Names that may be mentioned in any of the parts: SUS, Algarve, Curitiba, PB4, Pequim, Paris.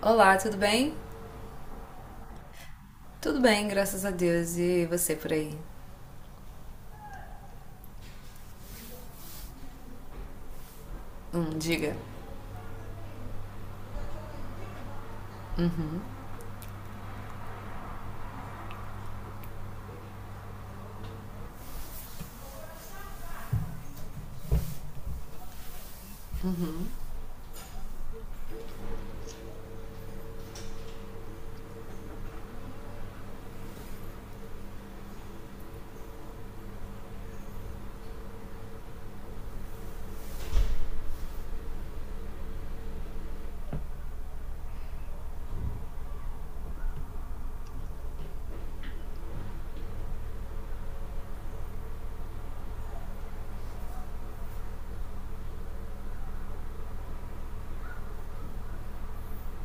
Olá, tudo bem? Tudo bem, graças a Deus. E você por aí? Diga.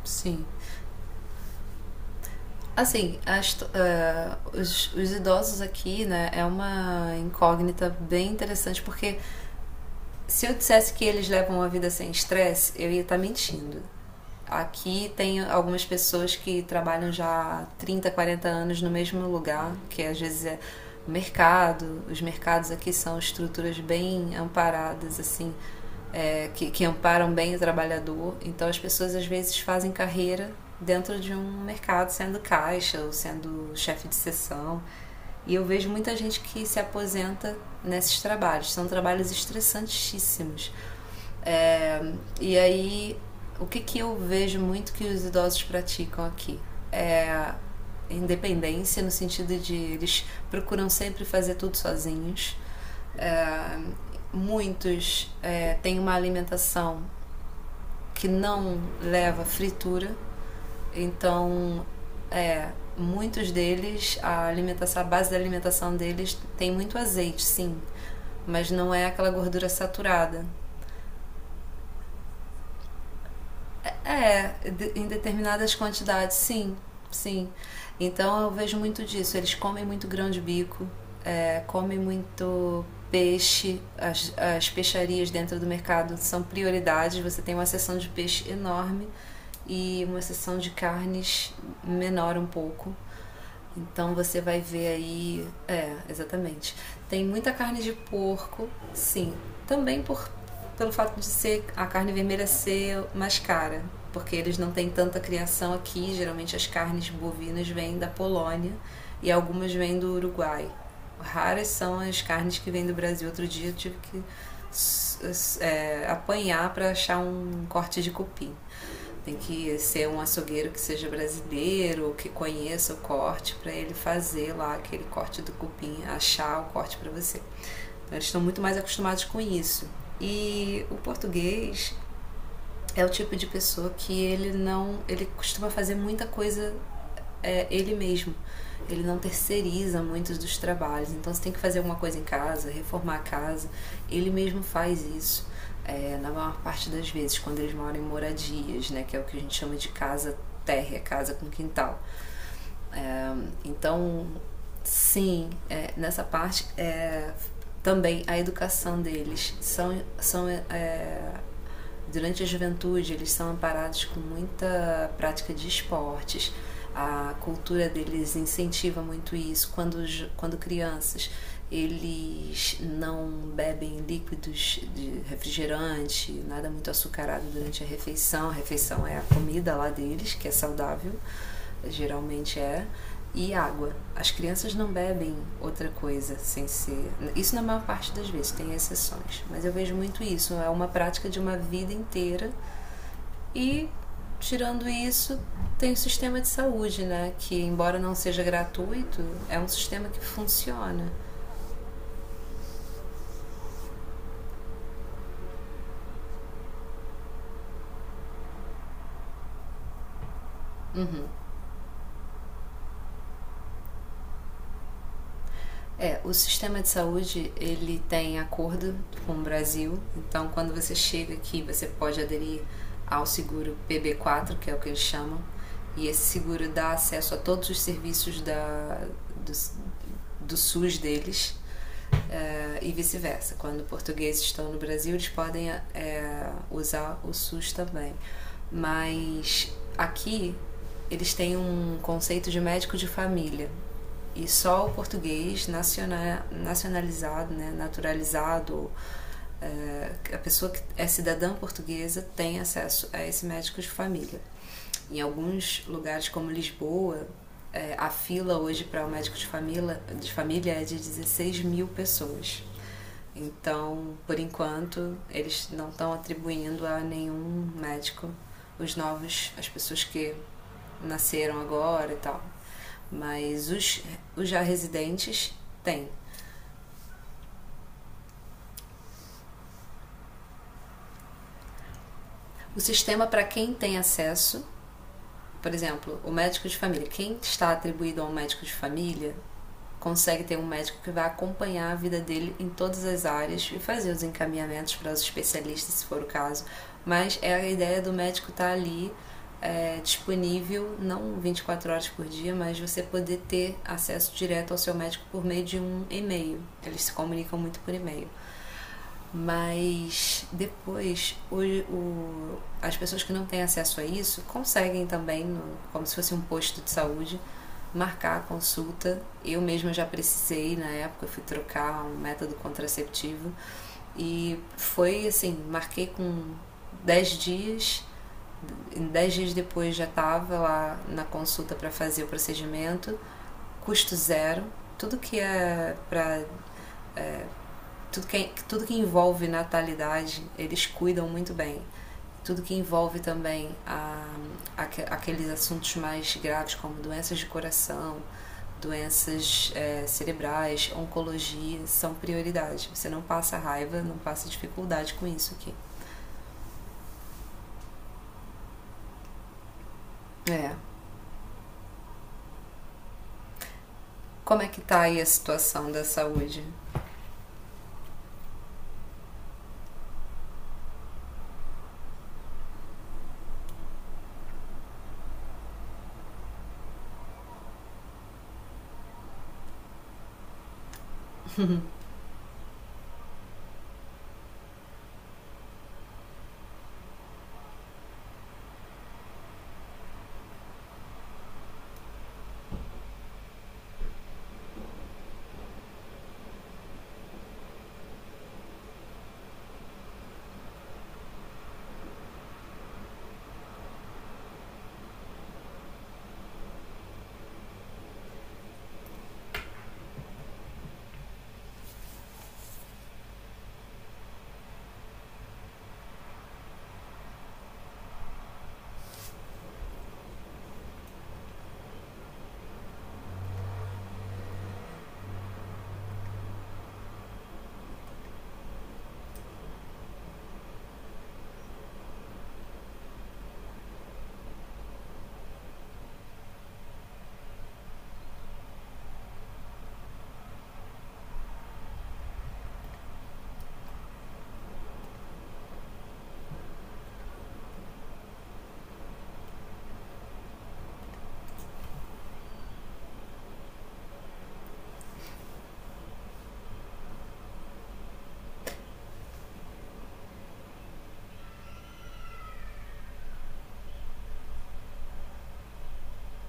Sim. Assim, as to- ah, os idosos aqui, né, é uma incógnita bem interessante porque se eu dissesse que eles levam uma vida sem estresse, eu ia estar mentindo. Aqui tem algumas pessoas que trabalham já há 30, 40 anos no mesmo lugar, que às vezes é o mercado. Os mercados aqui são estruturas bem amparadas, assim, que amparam bem o trabalhador. Então as pessoas às vezes fazem carreira dentro de um mercado, sendo caixa ou sendo chefe de seção, e eu vejo muita gente que se aposenta nesses trabalhos. São trabalhos estressantíssimos. É, e aí, o que eu vejo muito que os idosos praticam aqui? É independência, no sentido de eles procuram sempre fazer tudo sozinhos. É, muitos têm uma alimentação que não leva fritura. Então, é, muitos deles, a base da alimentação deles tem muito azeite, sim, mas não é aquela gordura saturada. É, em determinadas quantidades, sim, sim. Então eu vejo muito disso. Eles comem muito grão de bico, comem muito peixe. As peixarias dentro do mercado são prioridades. Você tem uma seção de peixe enorme e uma seção de carnes menor um pouco. Então você vai ver aí. É, exatamente. Tem muita carne de porco, sim. Também pelo fato de ser a carne vermelha ser mais cara, porque eles não têm tanta criação aqui. Geralmente as carnes bovinas vêm da Polônia e algumas vêm do Uruguai. Raras são as carnes que vêm do Brasil. Outro dia eu tive que apanhar para achar um corte de cupim. Tem que ser um açougueiro que seja brasileiro, que conheça o corte, para ele fazer lá aquele corte do cupim, achar o corte para você. Então, eles estão muito mais acostumados com isso. E o português é o tipo de pessoa que, ele não, ele costuma fazer muita coisa é ele mesmo. Ele não terceiriza muitos dos trabalhos. Então, se tem que fazer alguma coisa em casa, reformar a casa, ele mesmo faz isso. Na maior parte das vezes, quando eles moram em moradias, né, que é o que a gente chama de casa térrea, casa com quintal. É, então, sim, nessa parte, também a educação deles, são, durante a juventude, eles são amparados com muita prática de esportes. A cultura deles incentiva muito isso. Quando crianças, eles não bebem líquidos de refrigerante, nada muito açucarado durante a refeição. A refeição é a comida lá deles, que é saudável geralmente, e água. As crianças não bebem outra coisa sem ser. Isso na maior parte das vezes, tem exceções, mas eu vejo muito isso. É uma prática de uma vida inteira e, tirando isso, tem o sistema de saúde, né? Que, embora não seja gratuito, é um sistema que funciona. O sistema de saúde ele tem acordo com o Brasil, então quando você chega aqui você pode aderir ao seguro PB4, que é o que eles chamam, e esse seguro dá acesso a todos os serviços do, do SUS deles, e vice-versa. Quando portugueses estão no Brasil, eles podem usar o SUS também. Mas aqui eles têm um conceito de médico de família. E só o português nacionalizado, né, naturalizado, a pessoa que é cidadã portuguesa tem acesso a esse médico de família. Em alguns lugares, como Lisboa, a fila hoje para o médico de família é de 16 mil pessoas. Então, por enquanto, eles não estão atribuindo a nenhum médico os novos, as pessoas que nasceram agora e tal, mas os já residentes têm. O sistema para quem tem acesso, por exemplo, o médico de família, quem está atribuído a um médico de família, consegue ter um médico que vai acompanhar a vida dele em todas as áreas e fazer os encaminhamentos para os especialistas, se for o caso. Mas é a ideia do médico estar ali, disponível, não 24 horas por dia, mas você poder ter acesso direto ao seu médico por meio de um e-mail. Eles se comunicam muito por e-mail. Mas depois as pessoas que não têm acesso a isso conseguem também, como se fosse um posto de saúde, marcar a consulta. Eu mesma já precisei na época, eu fui trocar um método contraceptivo e foi assim, marquei com 10 dias, 10 dias depois já estava lá na consulta para fazer o procedimento, custo zero. Tudo que é para, é, tudo que envolve natalidade, eles cuidam muito bem. Tudo que envolve também, a, aqueles assuntos mais graves, como doenças de coração, doenças cerebrais, oncologia, são prioridade. Você não passa raiva, não passa dificuldade com isso aqui. É. Como é que tá aí a situação da saúde?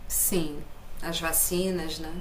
Sim, as vacinas, né?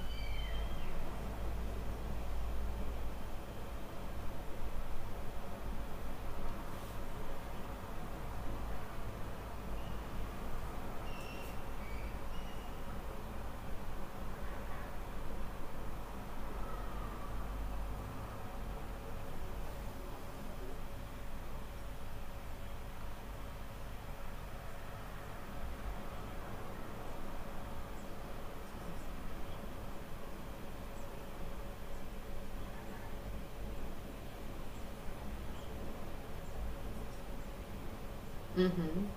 Uhum,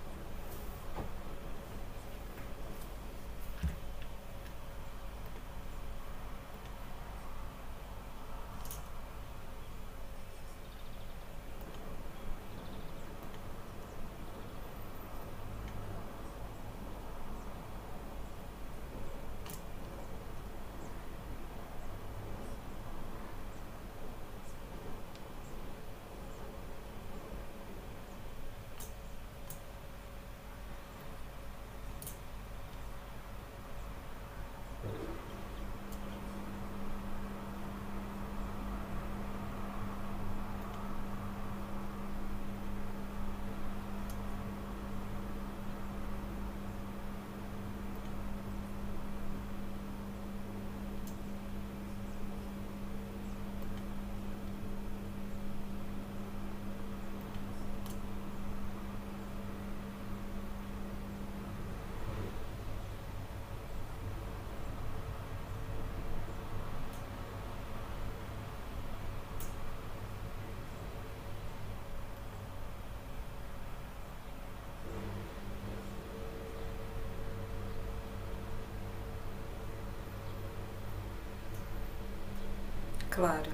claro.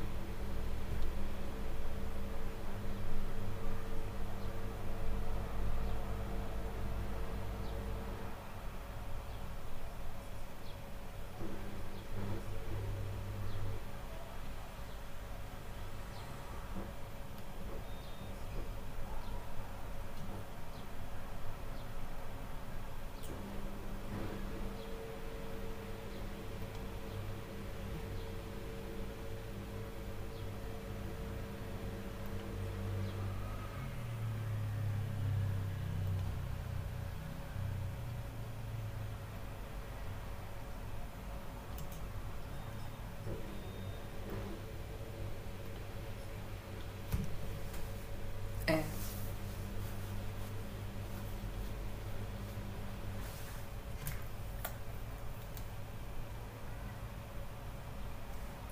É,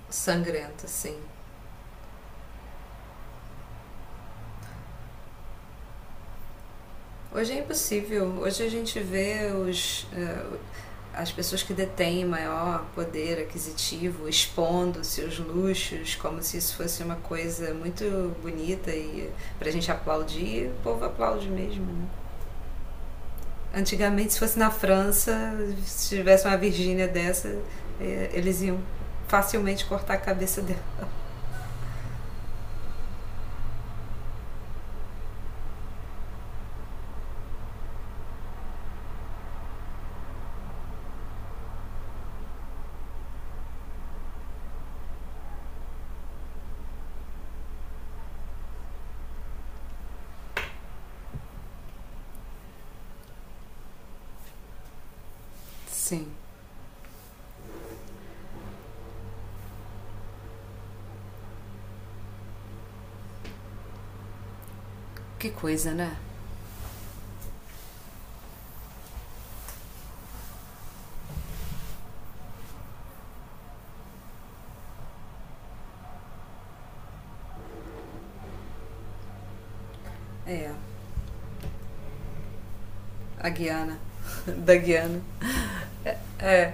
sangrento, sim. Hoje é impossível. Hoje a gente vê as pessoas que detêm maior poder aquisitivo expondo seus luxos como se isso fosse uma coisa muito bonita e para a gente aplaudir, o povo aplaude mesmo. Né? Antigamente, se fosse na França, se tivesse uma Virgínia dessa, eles iam facilmente cortar a cabeça dela. Sim, que coisa, né? É, a Guiana, da Guiana. É,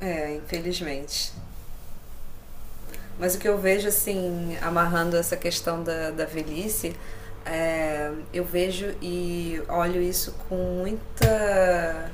é, infelizmente. Mas o que eu vejo, assim, amarrando essa questão da velhice, eu vejo e olho isso com muita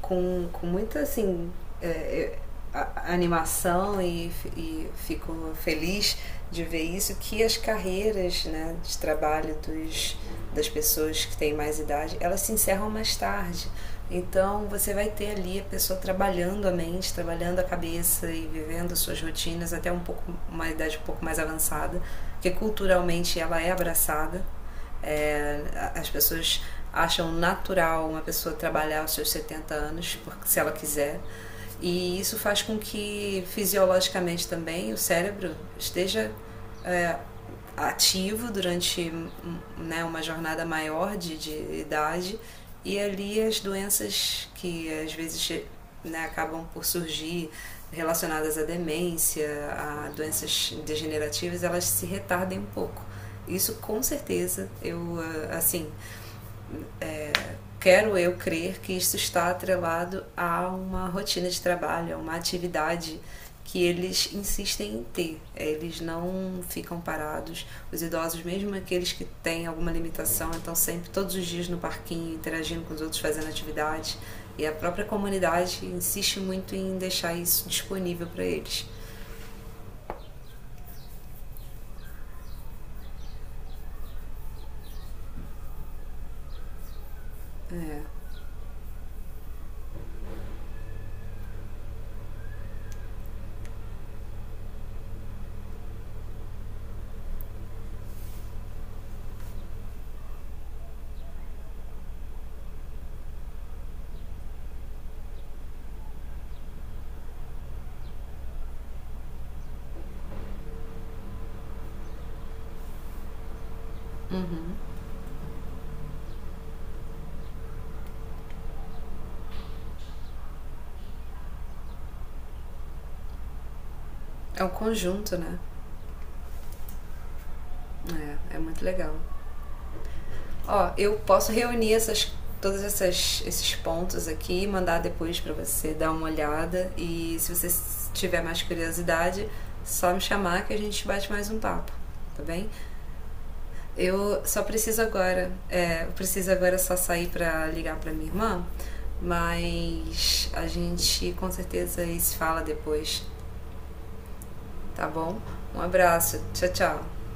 assim, é, é, a animação e fico feliz de ver isso, que as carreiras, né, de trabalho das pessoas que têm mais idade, elas se encerram mais tarde. Então você vai ter ali a pessoa trabalhando a mente, trabalhando a cabeça e vivendo suas rotinas até um pouco uma idade um pouco mais avançada, porque culturalmente ela é abraçada. É, As pessoas acham natural uma pessoa trabalhar aos seus 70 anos, porque, se ela quiser. E isso faz com que fisiologicamente também o cérebro esteja, é, ativo durante né, uma jornada maior de idade, e ali as doenças que às vezes, né, acabam por surgir relacionadas à demência, a doenças degenerativas, elas se retardem um pouco. Isso com certeza, assim quero eu crer, que isso está atrelado a uma rotina de trabalho, a uma atividade que eles insistem em ter. Eles não ficam parados. Os idosos, mesmo aqueles que têm alguma limitação, estão sempre todos os dias no parquinho, interagindo com os outros, fazendo atividade. E a própria comunidade insiste muito em deixar isso disponível para eles. É um conjunto, né? É, é muito legal. Ó, eu posso reunir esses pontos aqui, mandar depois pra você dar uma olhada. E se você tiver mais curiosidade, só me chamar que a gente bate mais um papo, tá bem? Eu só preciso agora, é, eu preciso agora só sair pra ligar pra minha irmã, mas a gente com certeza se fala depois, tá bom? Um abraço, tchau, tchau.